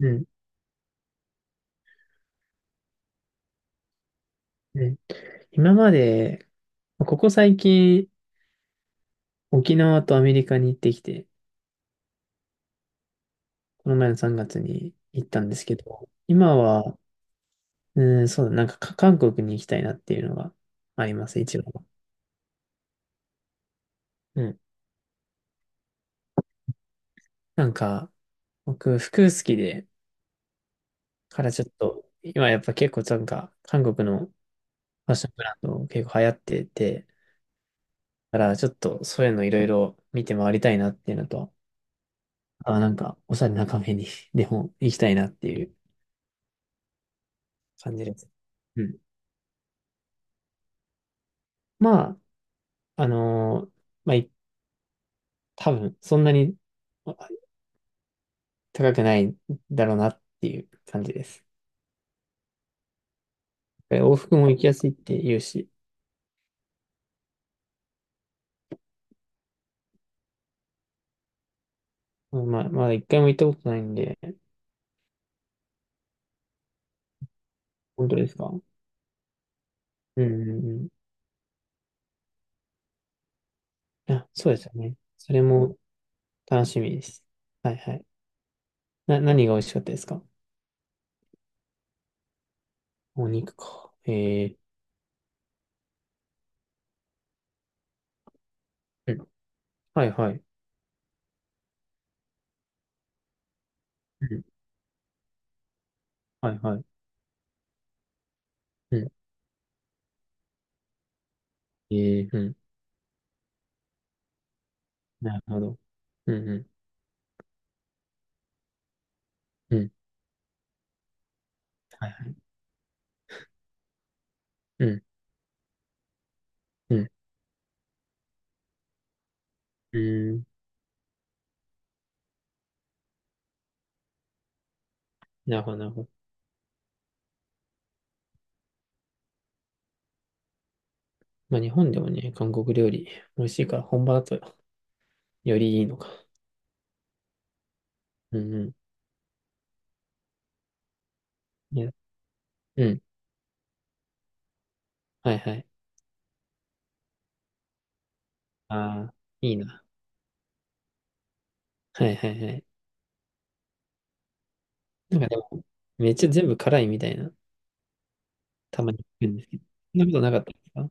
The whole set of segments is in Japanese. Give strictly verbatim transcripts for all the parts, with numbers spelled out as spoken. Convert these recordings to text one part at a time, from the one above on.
うん、うん。今まで、ここ最近、沖縄とアメリカに行ってきて、この前のさんがつに行ったんですけど、今は、うん、そうだ、なんかか韓国に行きたいなっていうのがあります、一応。うん。なんか、僕、服好きで、からちょっと、今やっぱ結構なんか、韓国のファッションブランド結構流行ってて、だからちょっとそういうのいろいろ見て回りたいなっていうのと、あ、なんか、おしゃれなカフェに でも行きたいなっていう感じです。うん、まあ、あのーまあ、い多分、そんなに高くないだろうなっていう感じです。往復も行きやすいって言うし、まあ、まだ一回も行ったことないんで、本当ですか？うんうんうん。あ、そうですよね。それも楽しみです。はいはい。な、何が美味しかったですか？お肉か。ええ、うん。はいはい。うん。はいはい。うん。ええ、うん。なるほど。うんうん。うん。はいはい。うん。うん。うん。なるほどなるほど。まあ、日本でもね、韓国料理美味しいから本場だとよりいいのか。うんうん。いや、うん。はいはい。ああ、いいな。はいはいはい。なんかでも、めっちゃ全部辛いみたいな、たまに聞くんですけど。そんなことなかったですか？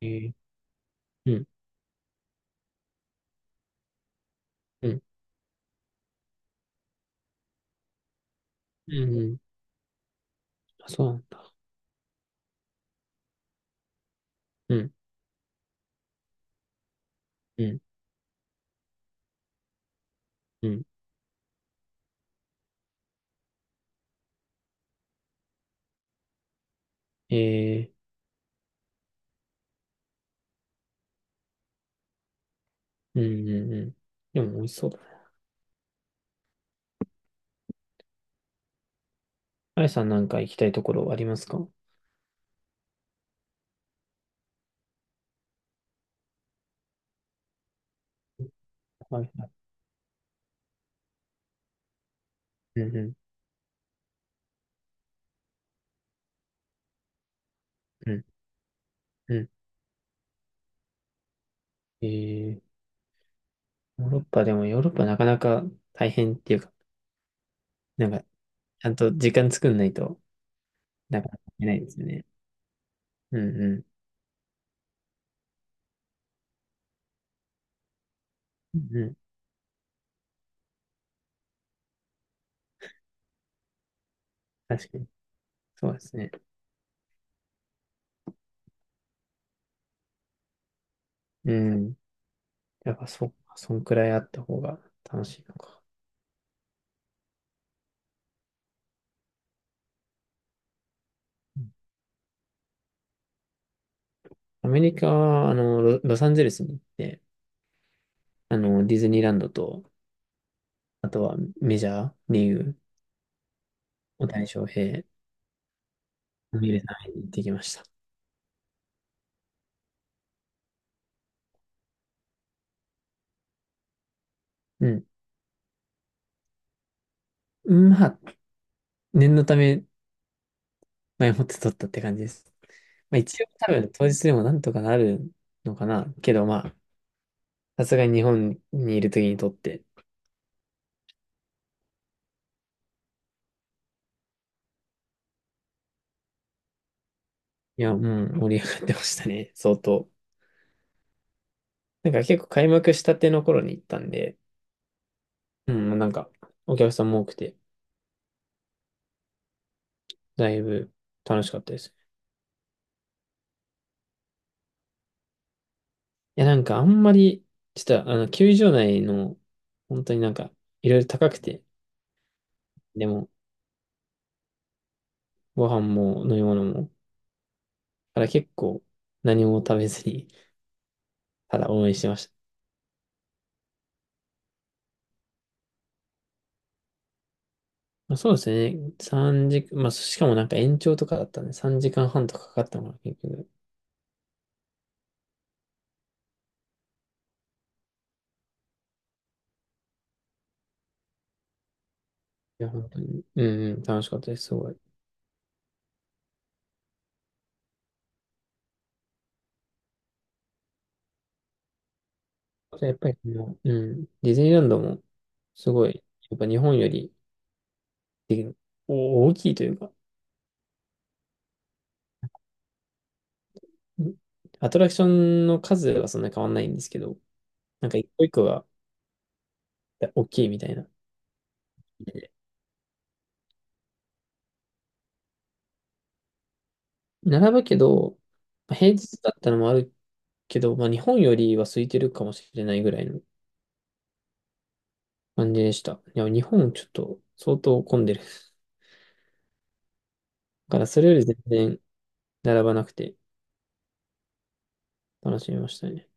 えー、うん、うん、うん、うん。あ、そうなんだ。うん、うん、うん。えー、うん、うん、うん。でも美味しそうだな。あやさんなんか行きたいところありますか？はいはい。うん、うん、うん、うん。えー、ヨーロッパ、でもヨーロッパなかなか大変っていうか、なんかちゃんと時間作んないと、なかなかいけないですよね。うんうん。うん、確かに。そうですね。うん。やっぱそっか、そんくらいあった方が楽しいのか。うん。アメリカは、あの、ロ、ロサンゼルスに行って、あの、ディズニーランドと、あとはメジャーリーグ、大谷翔平を見るために行ってきました。うん。まあ、念のため、前もって撮ったって感じです。まあ、一応多分当日でもなんとかなるのかな。けどまあ、さすがに日本にいる時に撮って、いや、もう盛り上がってましたね、相当。なんか結構開幕したての頃に行ったんで、うん、なんかお客さんも多くて、だいぶ楽しかったです。いや、なんかあんまり、ちょっとあの、球場内の、本当になんか、いろいろ高くて、でも、ご飯も飲み物も、だから結構何も食べずに、ただ応援してました。まあ、そうですね、さんじ、まあ、しかもなんか延長とかだったんで、さんじかんはんとかかかったのか結局。いや、本当に、うんうん、楽しかったです、すごい。じゃやっぱりもう、うん、ディズニーランドも、すごい、やっぱ日本よりでお大きいというか、うん、アトラクションの数はそんな変わんないんですけど、なんか一個一個が大きいみたいな。並ぶけど、まあ平日だったのもあるけど、まあ日本よりは空いてるかもしれないぐらいの感じでした。いや、日本ちょっと相当混んでる。だからそれより全然並ばなくて楽しみましたね。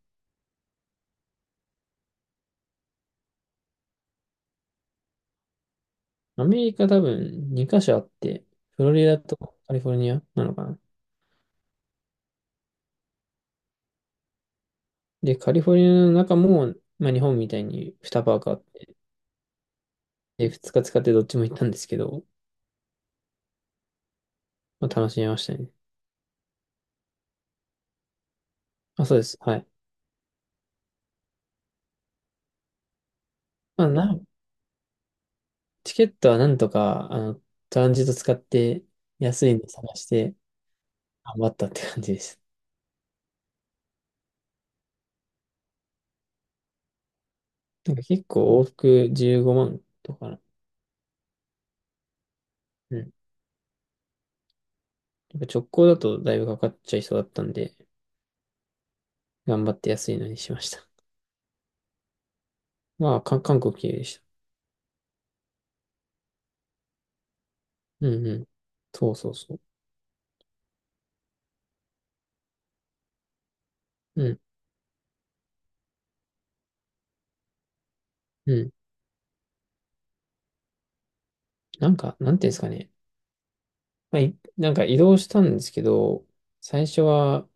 アメリカ多分にカ所あって、フロリダとカリフォルニアなのかな。で、カリフォルニアの中も、まあ日本みたいににパークあって、で、ふつか使ってどっちも行ったんですけど、まあ楽しみましたね。あ、そうです。はい。まあな、チケットはなんとか、あの、トランジット使って安いの探して頑張ったって感じです。なんか結構往復じゅうごまんとかな。うん。やっぱ直行だとだいぶかかっちゃいそうだったんで、頑張って安いのにしました。まあ、か韓国経由でした。うんうん。そうそうそう。うん、うん。なんか、なんていうんですかね。まあ、いなんか移動したんですけど、最初は、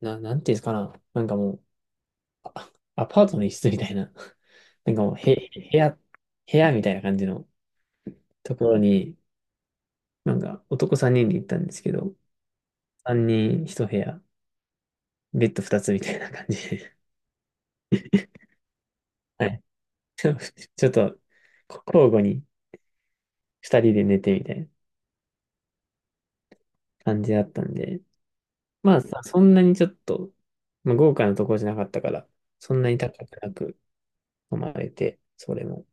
な、なんていうんですかな。なんかもう、アパートの一室みたいな。なんかもう、へ、部屋、部屋みたいな感じのところに、なんか男さんにんで行ったんですけど、さんにんひと部屋、ベッドふたつみたいな感じで。はい。ちょっと、交互にふたりで寝てみたいな感じだったんで、まあさ、そんなにちょっと、まあ、豪華なとこじゃなかったから、そんなに高くなく飲まれて、それも。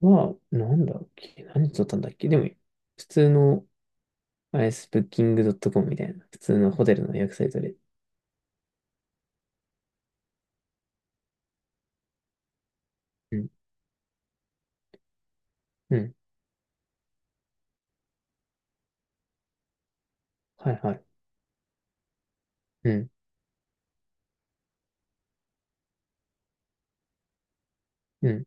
まあ、なんだっけ、何取ったんだっけ、でも、普通の、あれです、ブッキングドットコムみたいな、普通のホテルの予約サイトで。うん、うん、はいはい、うん、うん、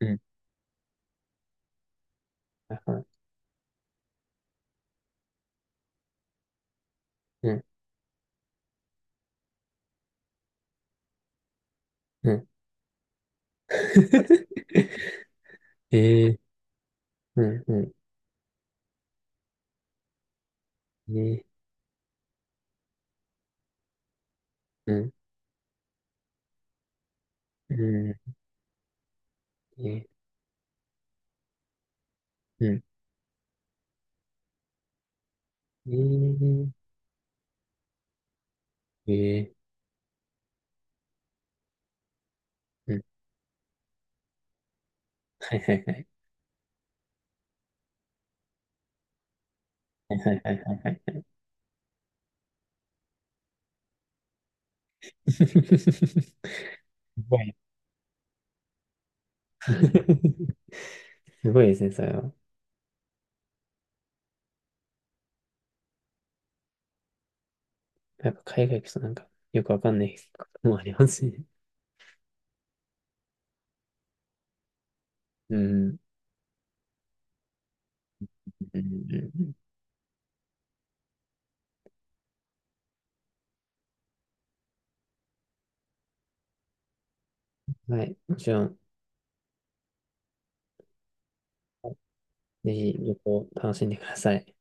うん、はいはい、うん、うん。ええ、うん、うん、ええ、うん、うん、ええ、うん、ええええ、うん、はいはいはい、はいはいはいはいはい。すごい。すごいですね、それは。やっぱ海外行くとなんか、よくわかんない こともありますね。うん。うんうんうん。はい。もちろん、ぜひ旅行楽しんでください。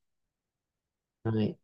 はい。